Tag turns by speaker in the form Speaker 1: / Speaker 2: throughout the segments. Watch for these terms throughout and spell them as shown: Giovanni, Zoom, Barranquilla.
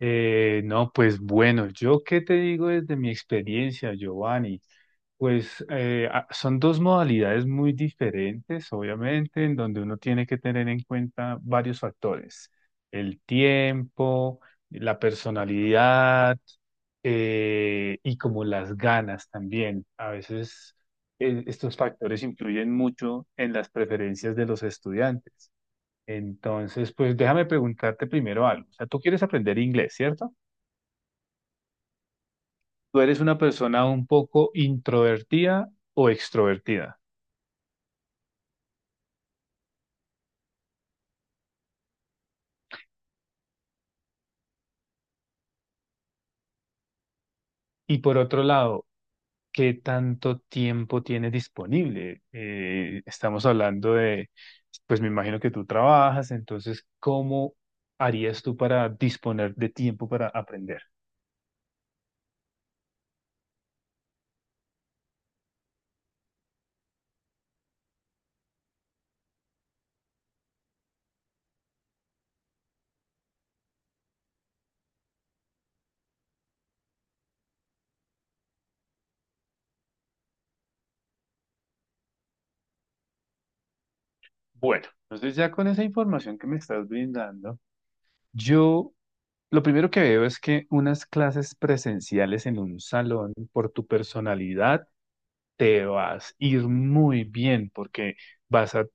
Speaker 1: No, pues bueno, yo qué te digo desde mi experiencia, Giovanni. Son dos modalidades muy diferentes, obviamente, en donde uno tiene que tener en cuenta varios factores, el tiempo, la personalidad y como las ganas también. A veces estos factores influyen mucho en las preferencias de los estudiantes. Entonces, pues déjame preguntarte primero algo. O sea, tú quieres aprender inglés, ¿cierto? ¿Tú eres una persona un poco introvertida o extrovertida? Y por otro lado, ¿qué tanto tiempo tienes disponible? Estamos hablando de, pues me imagino que tú trabajas, entonces, ¿cómo harías tú para disponer de tiempo para aprender? Bueno, entonces ya con esa información que me estás brindando, yo lo primero que veo es que unas clases presenciales en un salón, por tu personalidad, te vas a ir muy bien porque vas a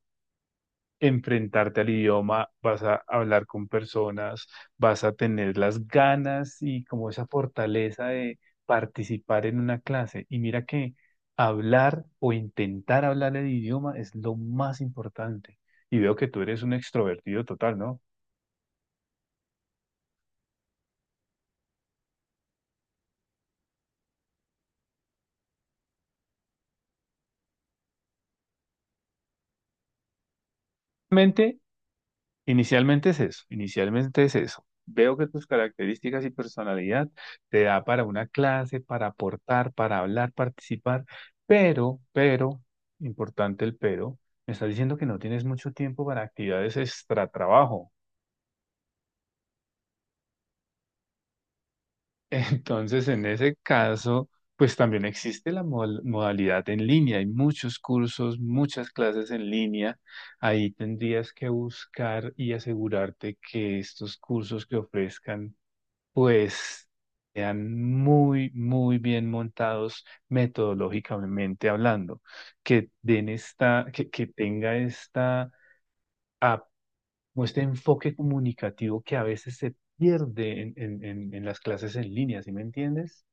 Speaker 1: enfrentarte al idioma, vas a hablar con personas, vas a tener las ganas y como esa fortaleza de participar en una clase. Y mira que hablar o intentar hablar el idioma es lo más importante. Y veo que tú eres un extrovertido total, ¿no? Realmente Inicialmente es eso, inicialmente es eso. Veo que tus características y personalidad te da para una clase, para aportar, para hablar, participar, pero, importante el pero, me estás diciendo que no tienes mucho tiempo para actividades extra trabajo. Entonces, en ese caso, pues también existe la modalidad en línea. Hay muchos cursos, muchas clases en línea. Ahí tendrías que buscar y asegurarte que estos cursos que ofrezcan pues sean muy, muy bien montados metodológicamente hablando, que den esta, que tenga esta, ap- o este enfoque comunicativo que a veces se pierde en las clases en línea, ¿sí me entiendes?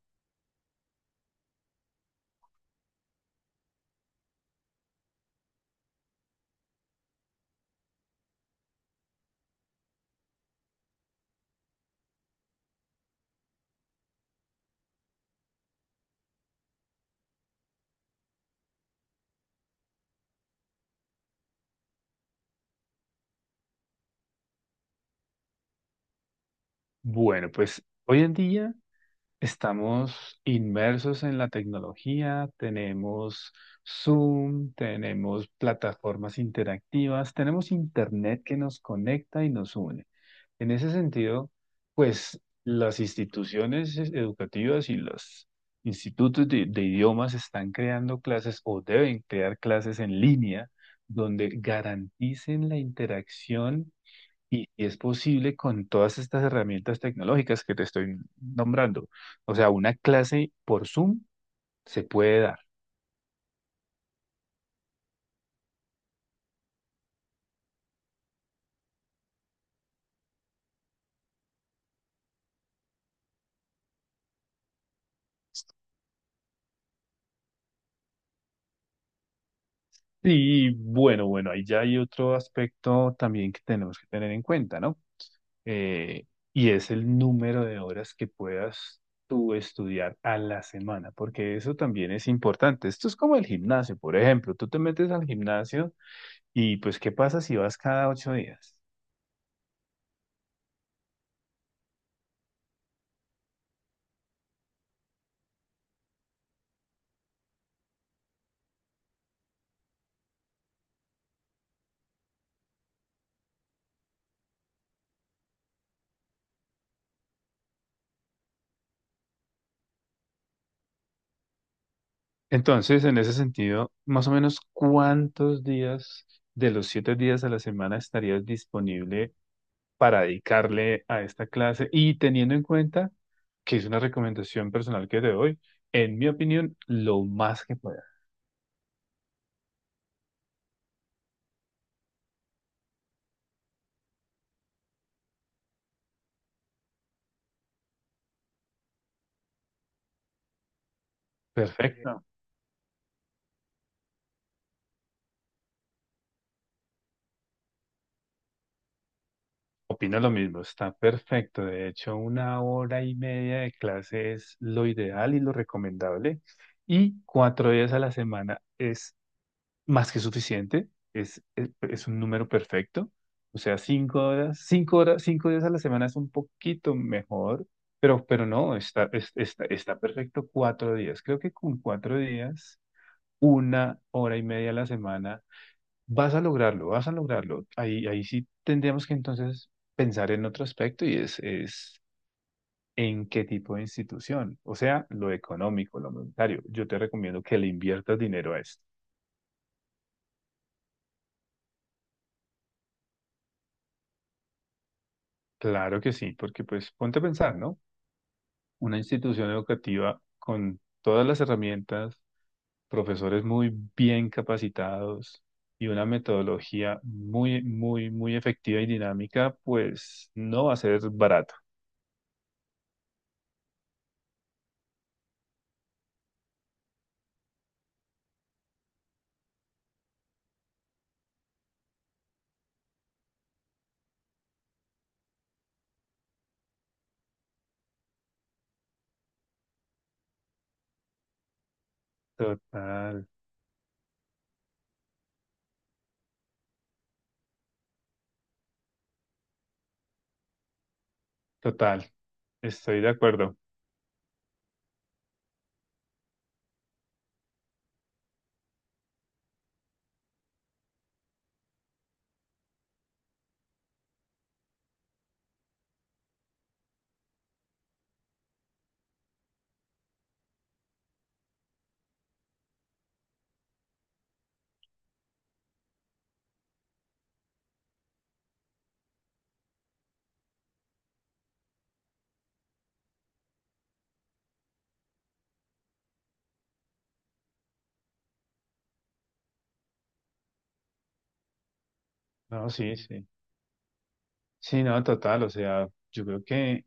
Speaker 1: Bueno, pues hoy en día estamos inmersos en la tecnología, tenemos Zoom, tenemos plataformas interactivas, tenemos Internet que nos conecta y nos une. En ese sentido, pues las instituciones educativas y los institutos de idiomas están creando clases o deben crear clases en línea donde garanticen la interacción y es posible con todas estas herramientas tecnológicas que te estoy nombrando. O sea, una clase por Zoom se puede dar. Y bueno, ahí ya hay otro aspecto también que tenemos que tener en cuenta, ¿no? eh, y es el número de horas que puedas tú estudiar a la semana, porque eso también es importante. Esto es como el gimnasio, por ejemplo, tú te metes al gimnasio y pues ¿qué pasa si vas cada ocho días? Entonces, en ese sentido, más o menos cuántos días de los siete días a la semana estarías disponible para dedicarle a esta clase y teniendo en cuenta que es una recomendación personal que te doy, en mi opinión, lo más que pueda. Perfecto. Opino lo mismo, está perfecto. De hecho, una hora y media de clase es lo ideal y lo recomendable. Y cuatro días a la semana es más que suficiente, es un número perfecto. O sea, cinco horas, cinco horas, cinco días a la semana es un poquito mejor, pero no, está perfecto cuatro días. Creo que con cuatro días, una hora y media a la semana vas a lograrlo, vas a lograrlo. Ahí, sí tendríamos que entonces pensar en otro aspecto y es en qué tipo de institución, o sea, lo económico, lo monetario. Yo te recomiendo que le inviertas dinero a esto. Claro que sí, porque pues ponte a pensar, ¿no? Una institución educativa con todas las herramientas, profesores muy bien capacitados y una metodología muy efectiva y dinámica, pues no va a ser barato. Total. Total, estoy de acuerdo. No, sí, sí. Sí, no, total. O sea, yo creo que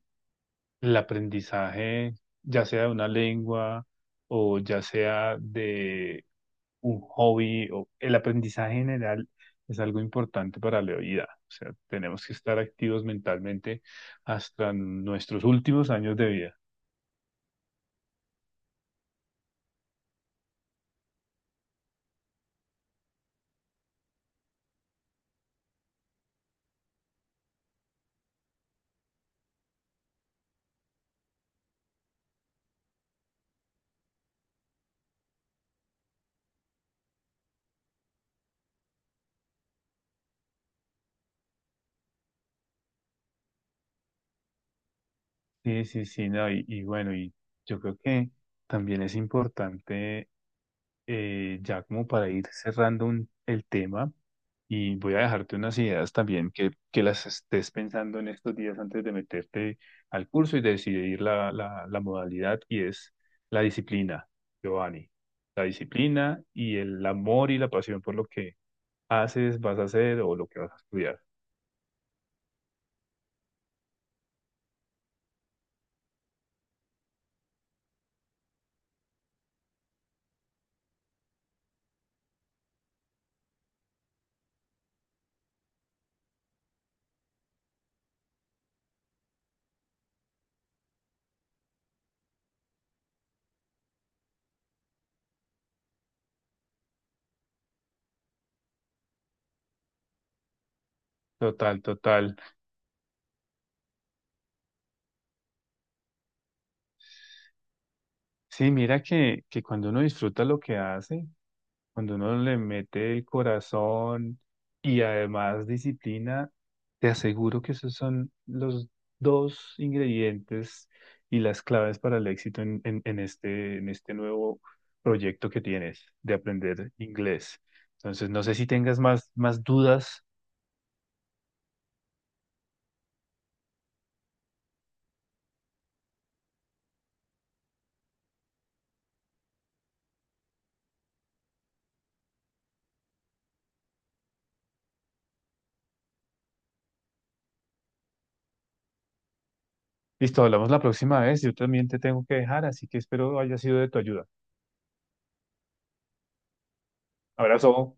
Speaker 1: el aprendizaje, ya sea de una lengua o ya sea de un hobby, o el aprendizaje general es algo importante para la vida. O sea, tenemos que estar activos mentalmente hasta nuestros últimos años de vida. Sí, sí, sí, no, y bueno, y yo creo que también es importante, ya como para ir cerrando el tema. Y voy a dejarte unas ideas también que las estés pensando en estos días antes de meterte al curso y decidir la modalidad y es la disciplina, Giovanni. La disciplina y el amor y la pasión por lo que haces, vas a hacer o lo que vas a estudiar. Total, total. Sí, mira que cuando uno disfruta lo que hace, cuando uno le mete el corazón y además disciplina, te aseguro que esos son los dos ingredientes y las claves para el éxito en este, en este nuevo proyecto que tienes de aprender inglés. Entonces, no sé si tengas más dudas. Listo, hablamos la próxima vez. Yo también te tengo que dejar, así que espero haya sido de tu ayuda. Abrazo.